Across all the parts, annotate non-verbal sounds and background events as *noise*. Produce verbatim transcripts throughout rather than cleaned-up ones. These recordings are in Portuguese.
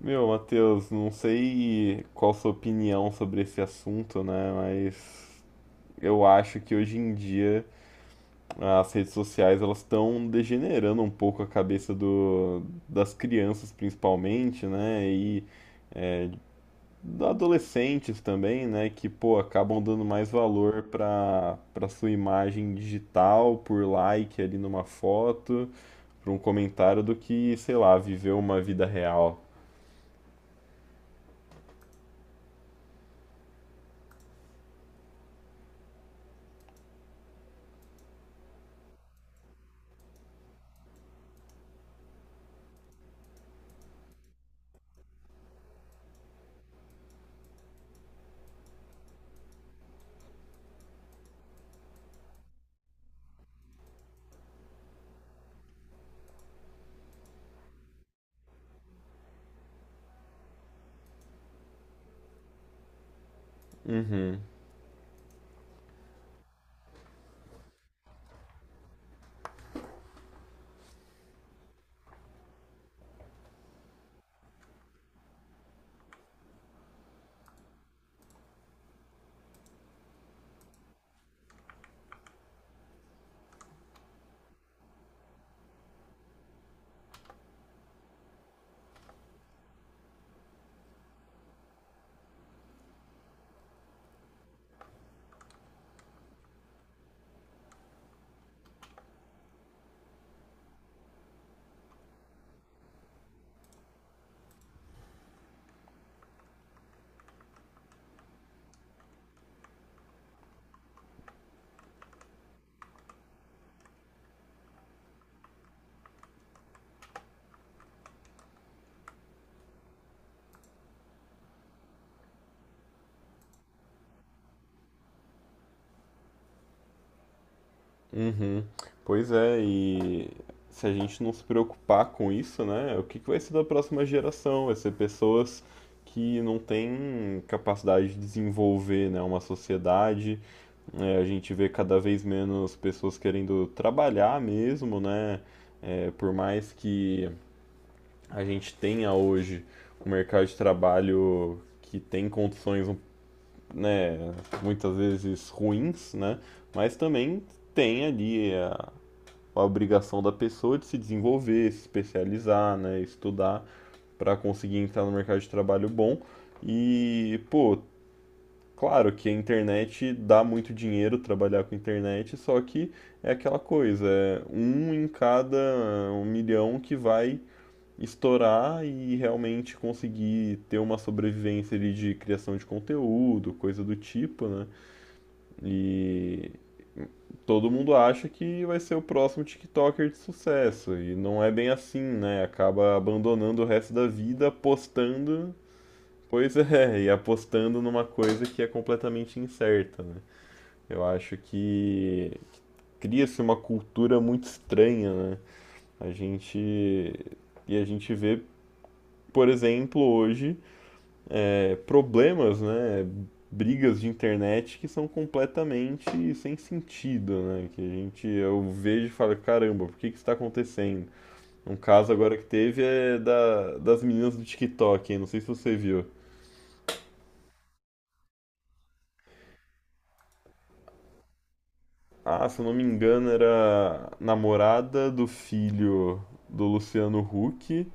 Meu, Matheus, não sei qual sua opinião sobre esse assunto, né? Mas eu acho que hoje em dia as redes sociais elas estão degenerando um pouco a cabeça do, das crianças principalmente, né? E dos adolescentes também, né? Que, pô, acabam dando mais valor para para sua imagem digital, por like ali numa foto, por um comentário do que, sei lá, viver uma vida real. Uhum. Pois é, e se a gente não se preocupar com isso, né, o que que vai ser da próxima geração? Vai ser pessoas que não têm capacidade de desenvolver, né, uma sociedade. É, a gente vê cada vez menos pessoas querendo trabalhar mesmo, né? É, por mais que a gente tenha hoje um mercado de trabalho que tem condições, né, muitas vezes ruins, né, mas também tem ali a obrigação da pessoa de se desenvolver, se especializar, né, estudar para conseguir entrar no mercado de trabalho bom. E, pô, claro que a internet dá muito dinheiro trabalhar com internet, só que é aquela coisa, é um em cada um milhão que vai estourar e realmente conseguir ter uma sobrevivência ali de criação de conteúdo, coisa do tipo, né? E todo mundo acha que vai ser o próximo TikToker de sucesso. E não é bem assim, né? Acaba abandonando o resto da vida apostando. Pois é, e apostando numa coisa que é completamente incerta, né? Eu acho que cria-se uma cultura muito estranha, né? A gente. E a gente vê, por exemplo, hoje problemas, né, brigas de internet que são completamente sem sentido, né, que a gente, eu vejo e falo, caramba, por que que isso tá acontecendo? Um caso agora que teve é da, das meninas do TikTok, hein, não sei se você viu. Ah, se eu não me engano, era namorada do filho do Luciano Huck,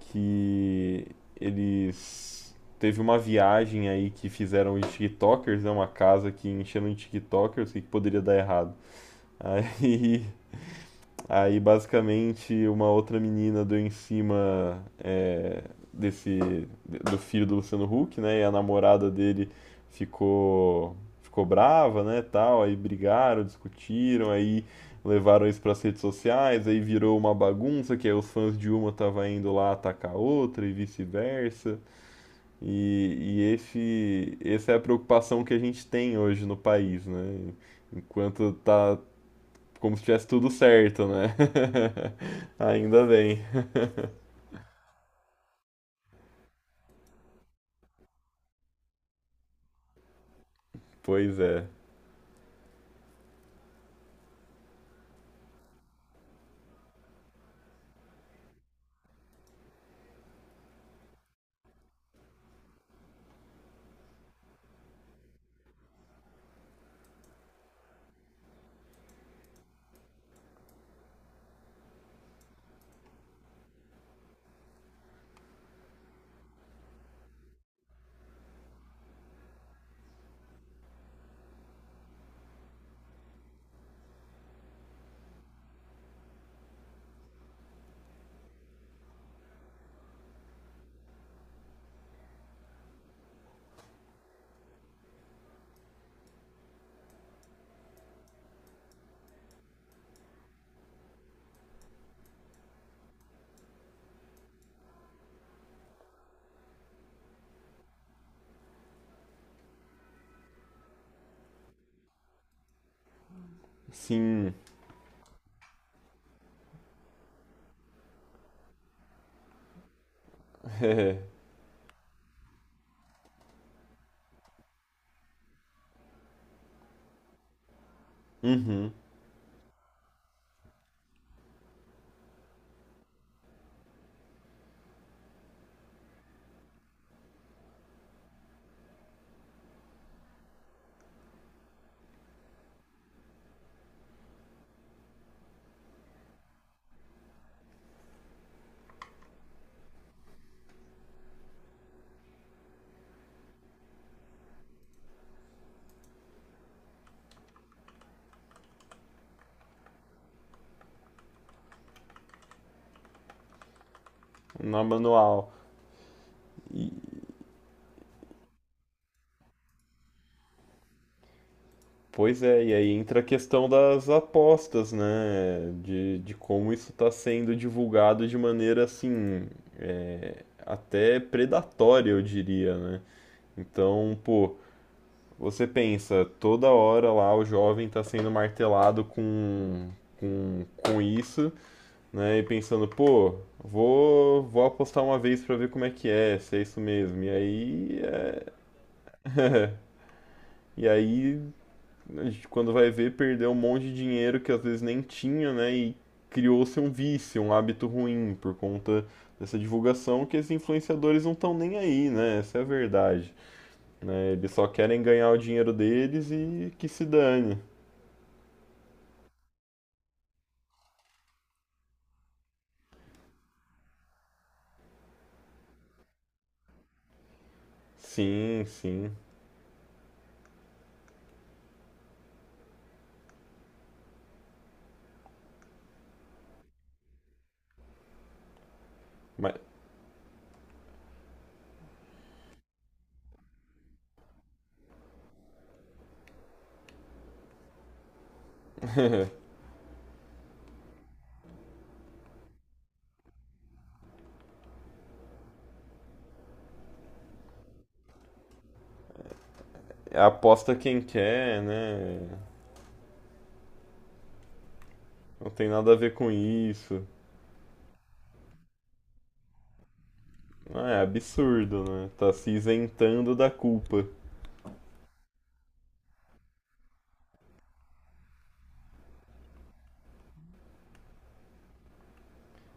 que eles teve uma viagem aí que fizeram os TikTokers, né, uma casa que encheram de TikTokers, o que que poderia dar errado? Aí, aí basicamente uma outra menina deu em cima é, desse do filho do Luciano Huck, né? E a namorada dele ficou ficou brava, né, tal, aí brigaram, discutiram, aí levaram isso para as redes sociais, aí virou uma bagunça, que aí os fãs de uma estavam indo lá atacar a outra e vice-versa. E, e esse, essa é a preocupação que a gente tem hoje no país, né? Enquanto tá como se tivesse tudo certo, né? *laughs* Ainda bem. Pois é. Sim. Uhum. Na manual. E- pois é, e aí entra a questão das apostas, né? De, de como isso está sendo divulgado de maneira assim, é, até predatória, eu diria, né? Então, pô, você pensa, toda hora lá o jovem está sendo martelado com, com, com isso. Né? E pensando, pô, vou, vou apostar uma vez pra ver como é que é, se é isso mesmo. E aí, é- e aí a gente, quando vai ver, perdeu um monte de dinheiro que às vezes nem tinha, né? E criou-se um vício, um hábito ruim por conta dessa divulgação que esses influenciadores não estão nem aí, né? Essa é a verdade, né? Eles só querem ganhar o dinheiro deles e que se dane. Sim, sim. Mas é, aposta quem quer, né? Não tem nada a ver com isso. Ah, é absurdo, né? Tá se isentando da culpa.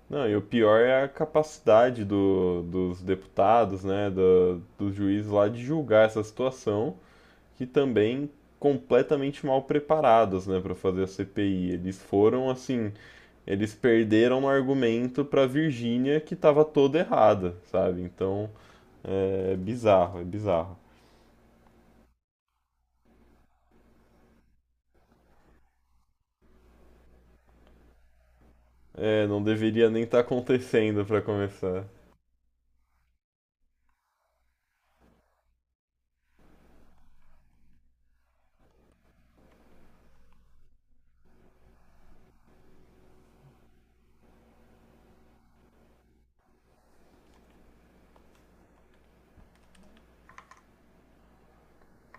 Não, e o pior é a capacidade do- dos deputados, né, do, dos juízes lá de julgar essa situação, que também completamente mal preparados, né, para fazer a C P I. Eles foram assim, eles perderam um argumento para Virgínia que estava toda errada, sabe? Então, é é bizarro, é bizarro. É, não deveria nem estar *laughs* acontecendo para começar.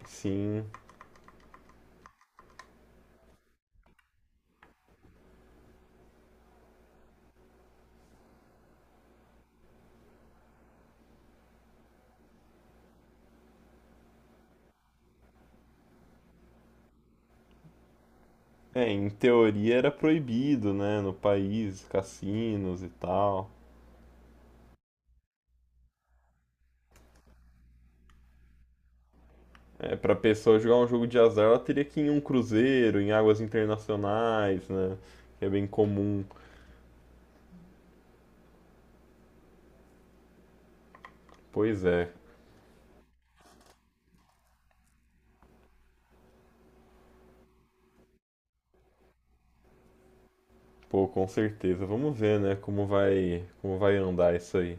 Sim, é, em teoria era proibido, né, no país, cassinos e tal. É, pra pessoa jogar um jogo de azar, ela teria que ir em um cruzeiro, em águas internacionais, né, que é bem comum. Pois é, pô, com certeza. Vamos ver, né, como vai, como vai andar isso aí.